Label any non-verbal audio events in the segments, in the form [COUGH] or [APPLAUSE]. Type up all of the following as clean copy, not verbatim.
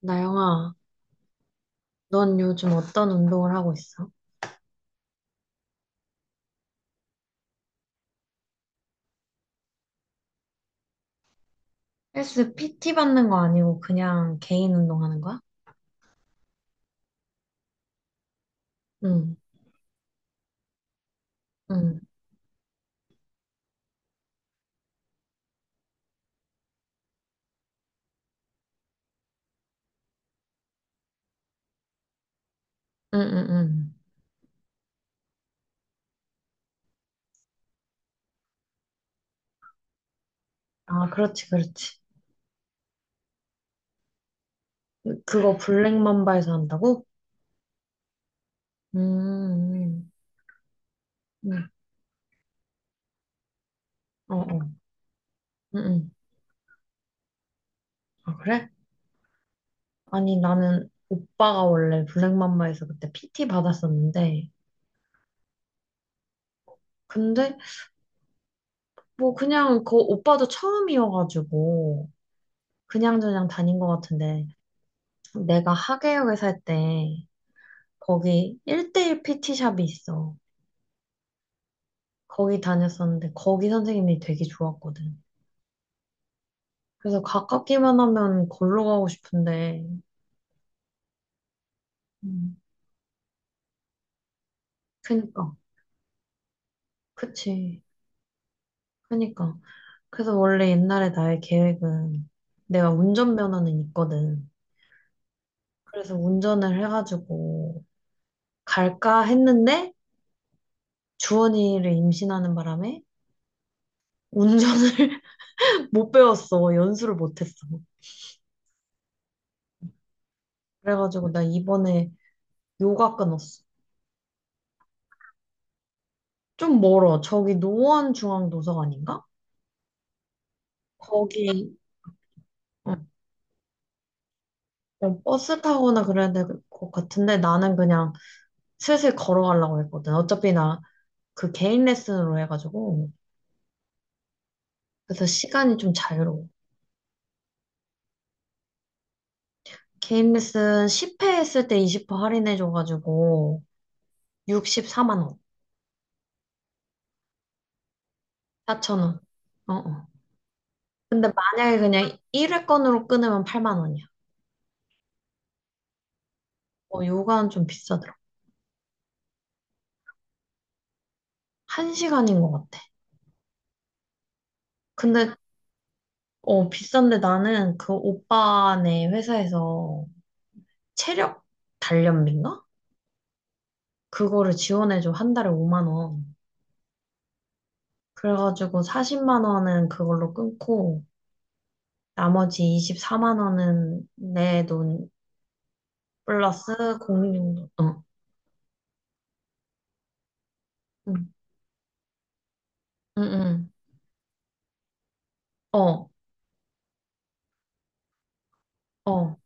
나영아, 넌 요즘 어떤 운동을 하고 있어? 헬스 PT 받는 거 아니고 그냥 개인 운동하는 거야? 응, 응, 응, 응, 응. 아, 그렇지, 그렇지. 그거 블랙맘바에서 한다고? 음, 음, 음. 어, 어, 응, 응. 아, 그래? 아니, 나는 오빠가 원래 블랙맘바에서 그때 PT 받았었는데, 근데 뭐 그냥 그 오빠도 처음이어가지고 그냥저냥 다닌 것 같은데, 내가 하계역에 살 때, 거기 1대1 PT샵이 있어. 거기 다녔었는데 거기 선생님이 되게 좋았거든. 그래서 가깝기만 하면 걸로 가고 싶은데, 음, 그니까, 그치, 그니까. 그래서 원래 옛날에 나의 계획은 내가 운전면허는 있거든. 그래서 운전을 해가지고 갈까 했는데 주원이를 임신하는 바람에 운전을 [LAUGHS] 못 배웠어. 연수를 못 했어. 그래가지고 나 이번에 요가 끊었어. 좀 멀어. 저기 노원중앙도서관인가? 거기 응, 어, 버스 타거나 그래야 될 것 같은데 나는 그냥 슬슬 걸어가려고 했거든. 어차피 나 그 개인 레슨으로 해가지고 그래서 시간이 좀 자유로워. 개인 레슨 10회 했을 때 20% 할인해줘가지고 64만 원, 4천 원. 어, 어. 근데 만약에 그냥 1회권으로 끊으면 8만 원이야. 어, 요가는 좀 비싸더라. 한 시간인 것 같아. 근데 어, 비싼데 나는 그 오빠네 회사에서 체력 단련비인가? 그거를 지원해줘. 한 달에 5만 원. 그래가지고 40만 원은 그걸로 끊고 나머지 24만 원은 내 돈 플러스 공용돈. 어, 응, 응, 응. 어, 어,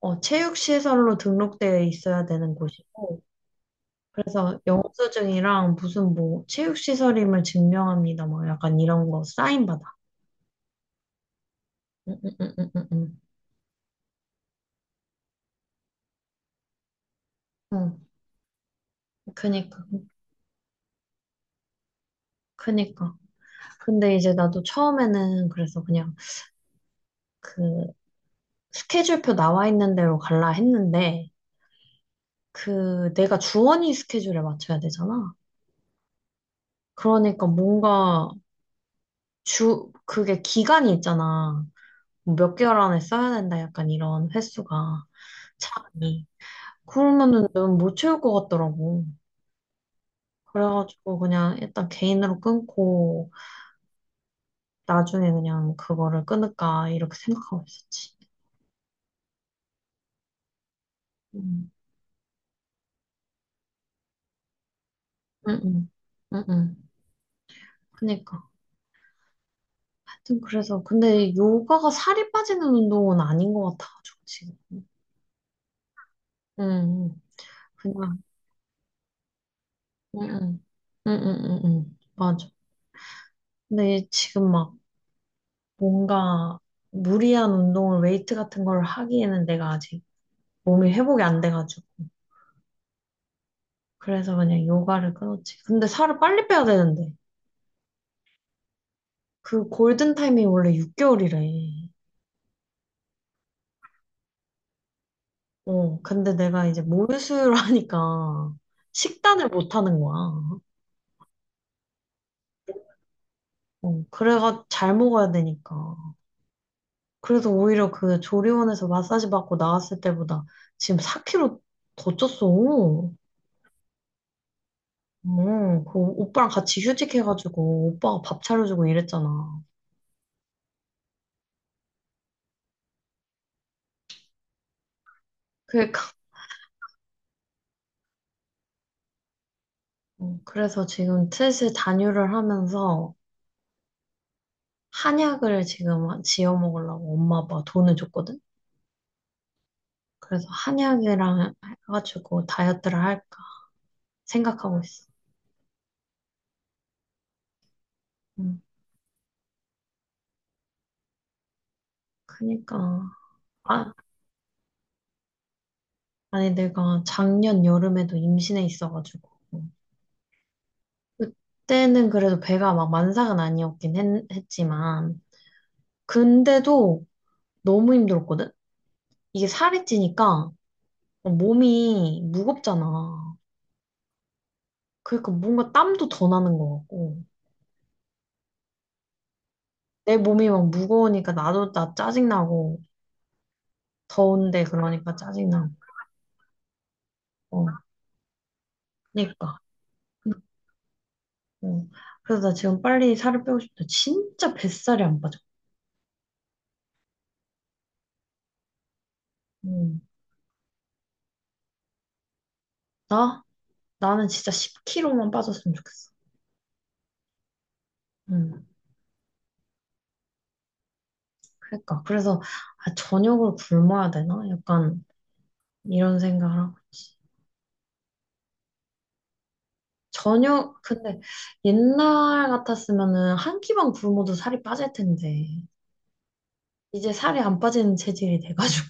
어, 체육시설로 등록되어 있어야 되는 곳이고 그래서 영수증이랑 무슨 뭐 체육시설임을 증명합니다. 뭐 약간 이런 거 사인 받아. 응, 응, 응, 응, 응. 응. 그니까, 그니까. 근데 이제 나도 처음에는 그래서 그냥 그 스케줄표 나와 있는 대로 갈라 했는데, 그 내가 주원이 스케줄에 맞춰야 되잖아. 그러니까 뭔가 그게 기간이 있잖아. 뭐 몇 개월 안에 써야 된다. 약간 이런 횟수가, 차이. 그러면은 너무 못 채울 것 같더라고. 그래가지고 그냥 일단 개인으로 끊고, 나중에 그냥 그거를 끊을까, 이렇게 생각하고 있었지. 음. 응, 응, 응, 응. 그니까. 하여튼 그래서 근데 요가가 살이 빠지는 운동은 아닌 것 같아가지고 지금. 응, 응. 그냥. 응, 응. 응, 응, 응, 응. 맞아. 근데 지금 막 뭔가 무리한 운동을 웨이트 같은 걸 하기에는 내가 아직 몸이 회복이 안 돼가지고. 그래서 그냥 요가를 끊었지. 근데 살을 빨리 빼야 되는데. 그 골든 타임이 원래 6개월이래. 어, 근데 내가 이제 모유수유를 [LAUGHS] 하니까 식단을 못 하는 거야. 어, 그래가 잘 먹어야 되니까. 그래서 오히려 그 조리원에서 마사지 받고 나왔을 때보다 지금 4kg 더 쪘어. 어, 그 오빠랑 같이 휴직해가지고 오빠가 밥 차려주고 이랬잖아. 그러니까 어, 그래서 지금 슬슬 단유를 하면서 한약을 지금 지어 먹으려고 엄마 아빠가 돈을 줬거든. 그래서 한약이랑 해가지고 다이어트를 할까 생각하고 있어. 음, 그니까 아, 아니 내가 작년 여름에도 임신해 있어가지고. 그때는 그래도 배가 막 만삭은 아니었긴 했지만, 근데도 너무 힘들었거든? 이게 살이 찌니까 몸이 무겁잖아. 그러니까 뭔가 땀도 더 나는 것 같고, 내 몸이 막 무거우니까 나도 나 짜증나고, 더운데 그러니까 짜증나고, 어, 그러니까. 어. 그래서 나 지금 빨리 살을 빼고 싶다. 진짜 뱃살이 안 빠져. 음. 나? 나는 진짜 10kg만 빠졌으면 좋겠어. 응. 그러니까 그래서 아, 저녁을 굶어야 되나? 약간 이런 생각을 하고 있지. 저녁 근데 옛날 같았으면은 한 끼만 굶어도 살이 빠질 텐데 이제 살이 안 빠지는 체질이 돼가지고.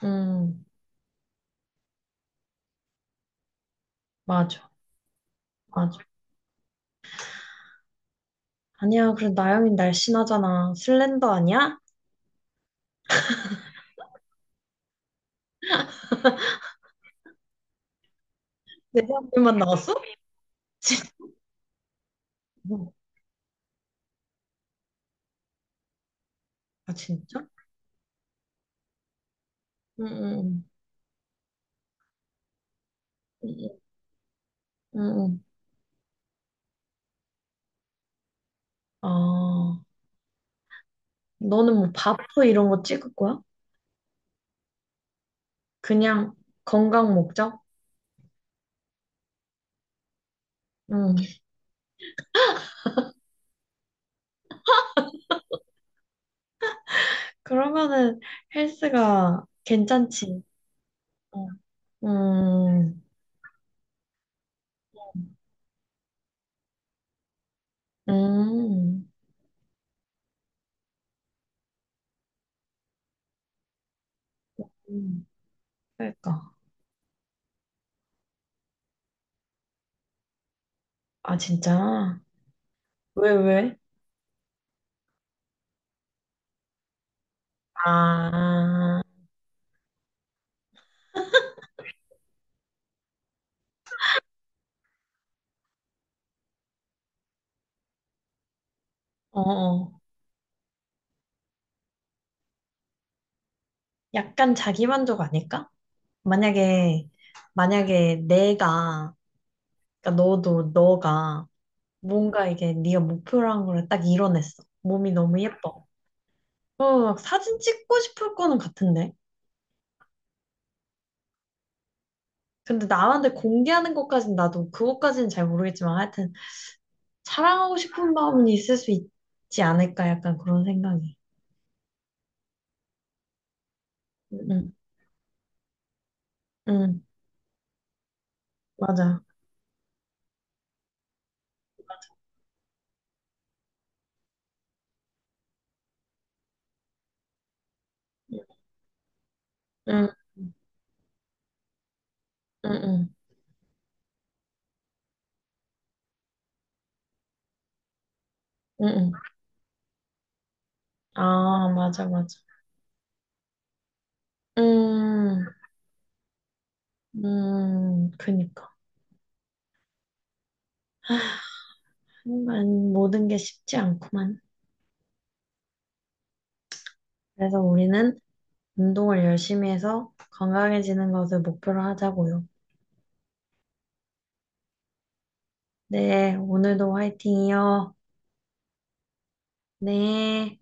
[LAUGHS] 음 맞아 맞아. 아니야 그래 나영이 날씬하잖아. 슬렌더 아니야? 내 사진만 나왔어? [LAUGHS] 진짜? 아 진짜? 응응 응응. 아 너는 뭐 바프 이런 거 찍을 거야? 그냥 건강 목적? 응. 그러면은 헬스가 괜찮지. 어. 음, 음, 음. 그러니까. 아, 진짜? 왜, 왜? 아, 어, 어. 약간 자기만족 아닐까? 만약에, 만약에 내가, 그러니까 너도, 너가 뭔가 이게 네가 목표라는 걸 딱 이뤄냈어. 몸이 너무 예뻐. 어, 막 사진 찍고 싶을 거는 같은데. 근데 나한테 공개하는 것까진 나도 그것까지는 잘 모르겠지만 하여튼 사랑하고 싶은 마음은 있을 수 있지 않을까? 약간 그런 생각이. 응, 응, 맞아. 응, 응, 응, 응, 응. 아, 맞아, 맞아. 음, 그니까. 하지 모든 게 쉽지 않구만. 그래서 우리는 운동을 열심히 해서 건강해지는 것을 목표로 하자고요. 네, 오늘도 화이팅이요. 네.